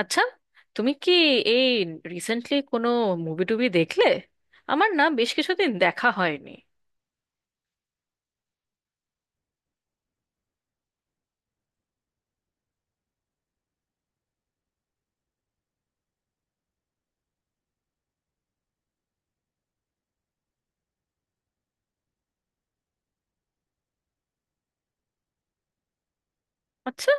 আচ্ছা, তুমি কি এই রিসেন্টলি কোনো মুভি টুভি দেখলে? আমার না বেশ কিছুদিন দেখা হয়নি। আচ্ছা।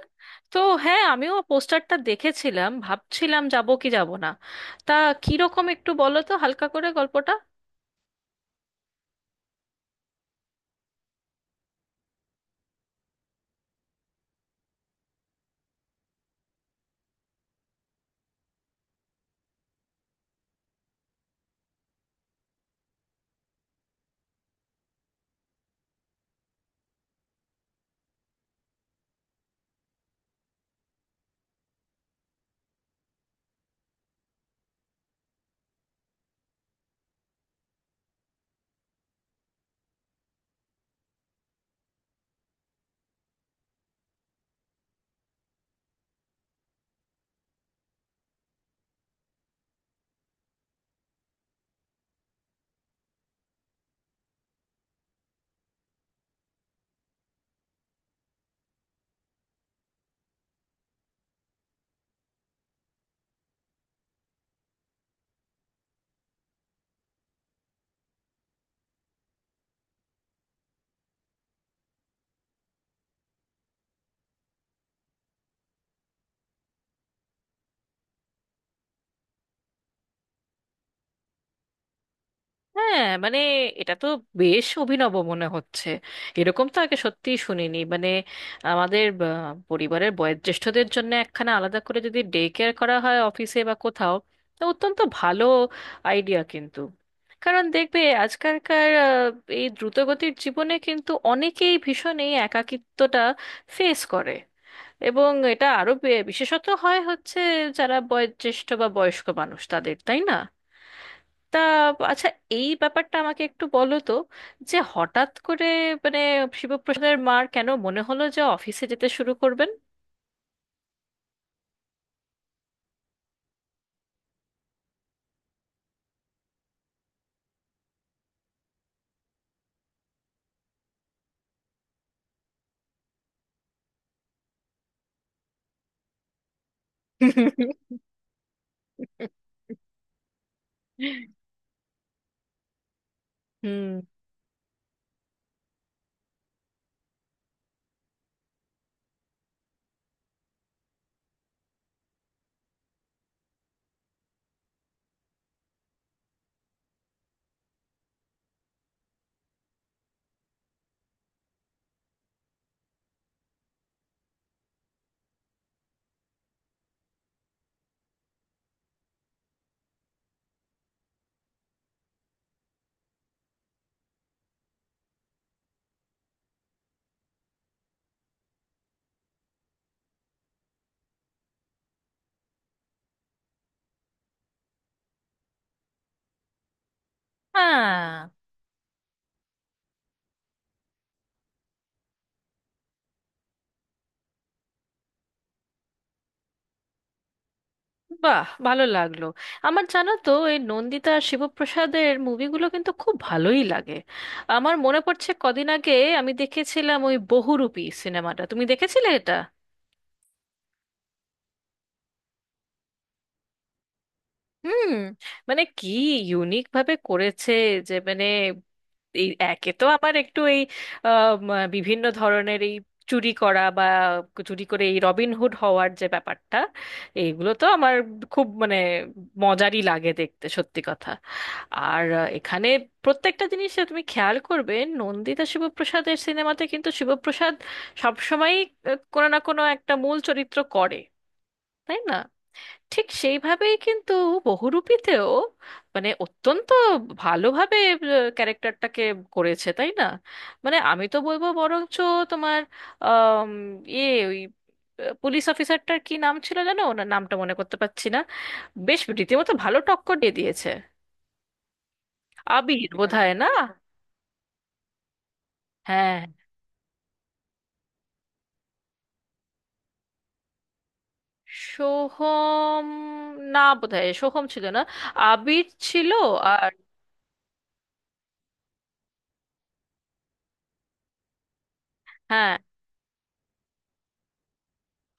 তো হ্যাঁ, আমিও পোস্টারটা দেখেছিলাম, ভাবছিলাম যাব কি যাব না। তা কিরকম একটু বলো তো হালকা করে গল্পটা। হ্যাঁ, মানে এটা তো বেশ অভিনব মনে হচ্ছে। এরকম তো আগে সত্যিই শুনিনি। মানে আমাদের পরিবারের বয়োজ্যেষ্ঠদের জন্য একখানা আলাদা করে যদি ডে কেয়ার করা হয় অফিসে বা কোথাও, তো অত্যন্ত ভালো আইডিয়া কিন্তু। কারণ দেখবে, আজকালকার এই দ্রুতগতির জীবনে কিন্তু অনেকেই ভীষণ এই একাকিত্বটা ফেস করে। এবং এটা আরো বিশেষত হচ্ছে যারা বয়োজ্যেষ্ঠ বা বয়স্ক মানুষ তাদের, তাই না? তা আচ্ছা, এই ব্যাপারটা আমাকে একটু বলো তো যে হঠাৎ করে, মানে শিবপ্রসাদের মার কেন মনে হলো যে অফিসে যেতে শুরু করবেন? হুম। হ্যাঁ। বাহ, ভালো লাগলো। আমার জানো তো, এই নন্দিতা আর শিবপ্রসাদের মুভিগুলো কিন্তু খুব ভালোই লাগে। আমার মনে পড়ছে কদিন আগে আমি দেখেছিলাম ওই বহুরূপী সিনেমাটা। তুমি দেখেছিলে এটা? হুম। মানে কি ইউনিক ভাবে করেছে! যে মানে এই একে তো আমার একটু এই বিভিন্ন ধরনের এই চুরি করা বা চুরি করে এই রবিনহুড হওয়ার যে ব্যাপারটা, এইগুলো তো আমার খুব মানে মজারই লাগে দেখতে, সত্যি কথা। আর এখানে প্রত্যেকটা জিনিসে তুমি খেয়াল করবে নন্দিতা শিবপ্রসাদের সিনেমাতে কিন্তু শিবপ্রসাদ সবসময়ই কোনো না কোনো একটা মূল চরিত্র করে, তাই না? ঠিক সেইভাবেই কিন্তু বহুরূপীতেও মানে অত্যন্ত ভালোভাবে ক্যারেক্টারটাকে করেছে, তাই না? মানে আমি তো বলবো বরঞ্চ তোমার আম, ইয়ে ওই পুলিশ অফিসারটার কি নাম ছিল জানো? ওনার নামটা মনে করতে পারছি না। বেশ রীতিমতো ভালো টক্কর দিয়ে দিয়েছে। আবির বোধহয়, না? হ্যাঁ। সোহম? না, বোধহয় সোহম ছিল না, আবির ছিল। আর হ্যাঁ।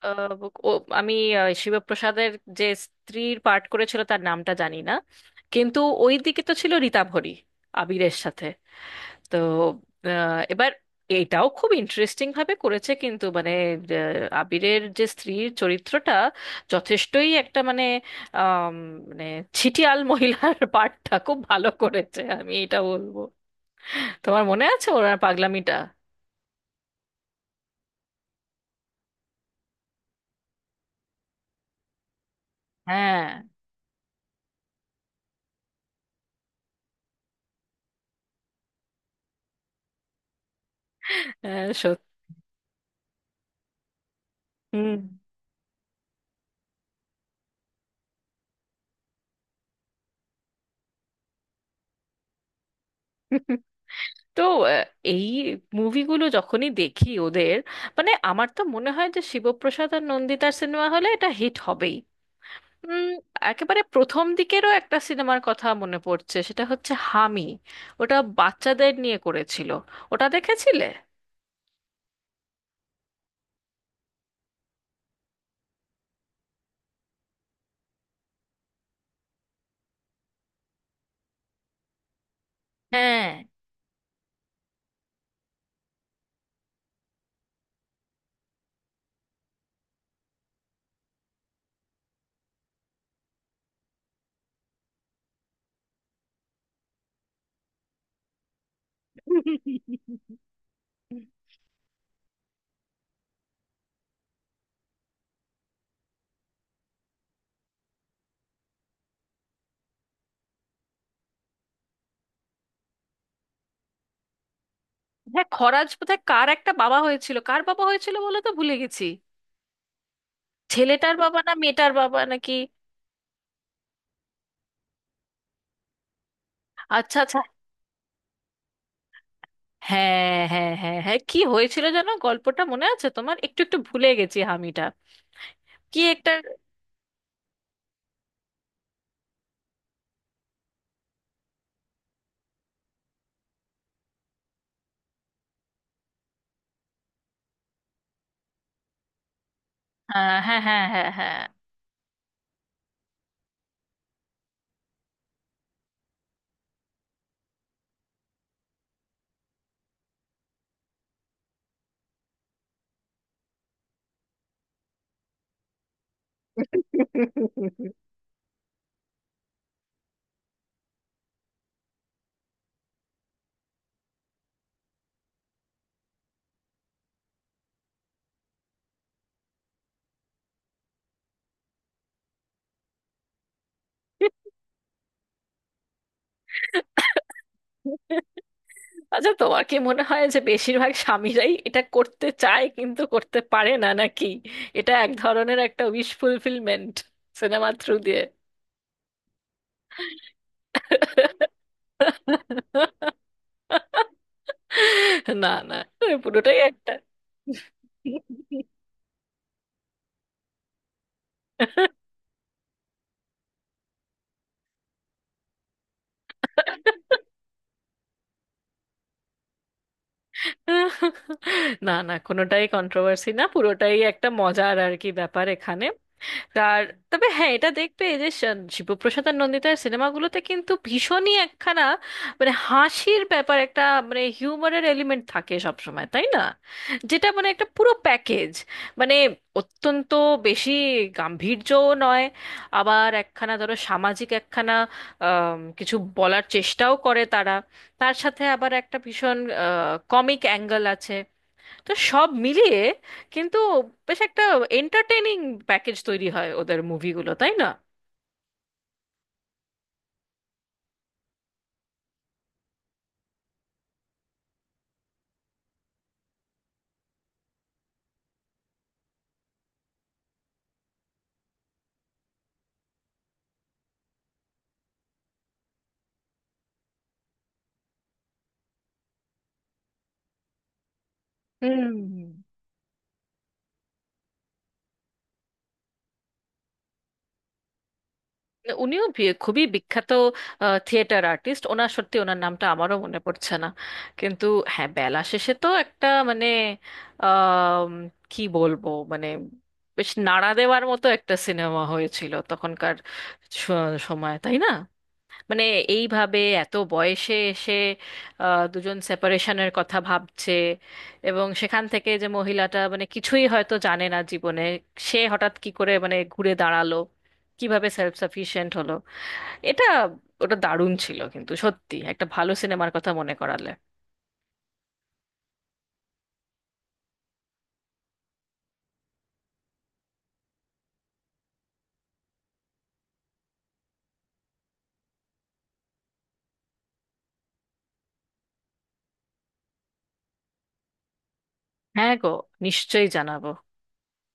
আহ, ও, আমি শিবপ্রসাদের যে স্ত্রীর পার্ট করেছিল তার নামটা জানি না, কিন্তু ওই দিকে তো ছিল রীতাভরি আবিরের সাথে। তো এবার এটাও খুব ইন্টারেস্টিং ভাবে করেছে কিন্তু, মানে আবিরের যে স্ত্রীর চরিত্রটা যথেষ্টই একটা মানে আম, মানে ছিটিয়াল মহিলার পার্টটা খুব ভালো করেছে, আমি এটা বলবো। তোমার মনে আছে ওনার পাগলামিটা? হ্যাঁ। হ্যাঁ, সত্যি। হুম। তো আহ, এই মুভিগুলো যখনই দেখি ওদের, মানে আমার তো মনে হয় যে শিবপ্রসাদ আর নন্দিতার সিনেমা হলে এটা হিট হবেই। উম, একেবারে প্রথম দিকেরও একটা সিনেমার কথা মনে পড়ছে, সেটা হচ্ছে হামি। ওটা বাচ্চাদের নিয়ে করেছিল। ওটা দেখেছিলে? হ্যাঁ। হ্যাঁ, খরাজ বোধহয় কার একটা বাবা হয়েছিল, কার বাবা হয়েছিল বলে তো ভুলে গেছি। ছেলেটার বাবা না মেয়েটার বাবা নাকি? আচ্ছা, আচ্ছা। হ্যাঁ, হ্যাঁ, হ্যাঁ, হ্যাঁ, কি হয়েছিল যেন গল্পটা, মনে আছে তোমার? একটু একটু ভুলে গেছি হামিটা কি একটা। হ্যাঁ, হ্যাঁ, হ্যাঁ, হ্যাঁ, হ্যাঁ। আচ্ছা, তোমার কি মনে হয় যে বেশিরভাগ স্বামীরাই এটা করতে চায় কিন্তু করতে পারে না, নাকি এটা এক ধরনের একটা উইশ ফুলফিলমেন্ট সিনেমার থ্রু দিয়ে? না, না, পুরোটাই একটা, না, না, কোনোটাই কন্ট্রোভার্সি না, পুরোটাই একটা মজার আর কি ব্যাপার এখানে। আর তবে হ্যাঁ, এটা দেখবে এই যে শিবপ্রসাদ আর নন্দিতার সিনেমাগুলোতে কিন্তু ভীষণই একখানা মানে হাসির ব্যাপার, একটা মানে হিউমারের এলিমেন্ট থাকে সব সময়, তাই না? যেটা মানে একটা পুরো প্যাকেজ, মানে অত্যন্ত বেশি গাম্ভীর্যও নয়, আবার একখানা ধরো সামাজিক একখানা কিছু বলার চেষ্টাও করে তারা। তার সাথে আবার একটা ভীষণ কমিক অ্যাঙ্গেল আছে। তো সব মিলিয়ে কিন্তু বেশ একটা এন্টারটেইনিং প্যাকেজ তৈরি হয় ওদের মুভিগুলো, তাই না? হুম। উনিও খুবই বিখ্যাত থিয়েটার আর্টিস্ট। সত্যি ওনার নামটা আমারও মনে পড়ছে না, কিন্তু হ্যাঁ, বেলা শেষে তো একটা মানে আম, কি বলবো মানে বেশ নাড়া দেওয়ার মতো একটা সিনেমা হয়েছিল তখনকার স- সময়, তাই না? মানে এইভাবে এত বয়সে এসে দুজন সেপারেশনের কথা ভাবছে, এবং সেখান থেকে যে মহিলাটা মানে কিছুই হয়তো জানে না জীবনে, সে হঠাৎ কি করে মানে ঘুরে দাঁড়ালো, কিভাবে সেলফ সাফিশিয়েন্ট হলো, এটা ওটা দারুণ ছিল কিন্তু। সত্যি একটা ভালো সিনেমার কথা মনে করালে। হ্যাঁ গো, নিশ্চয়ই জানাবো।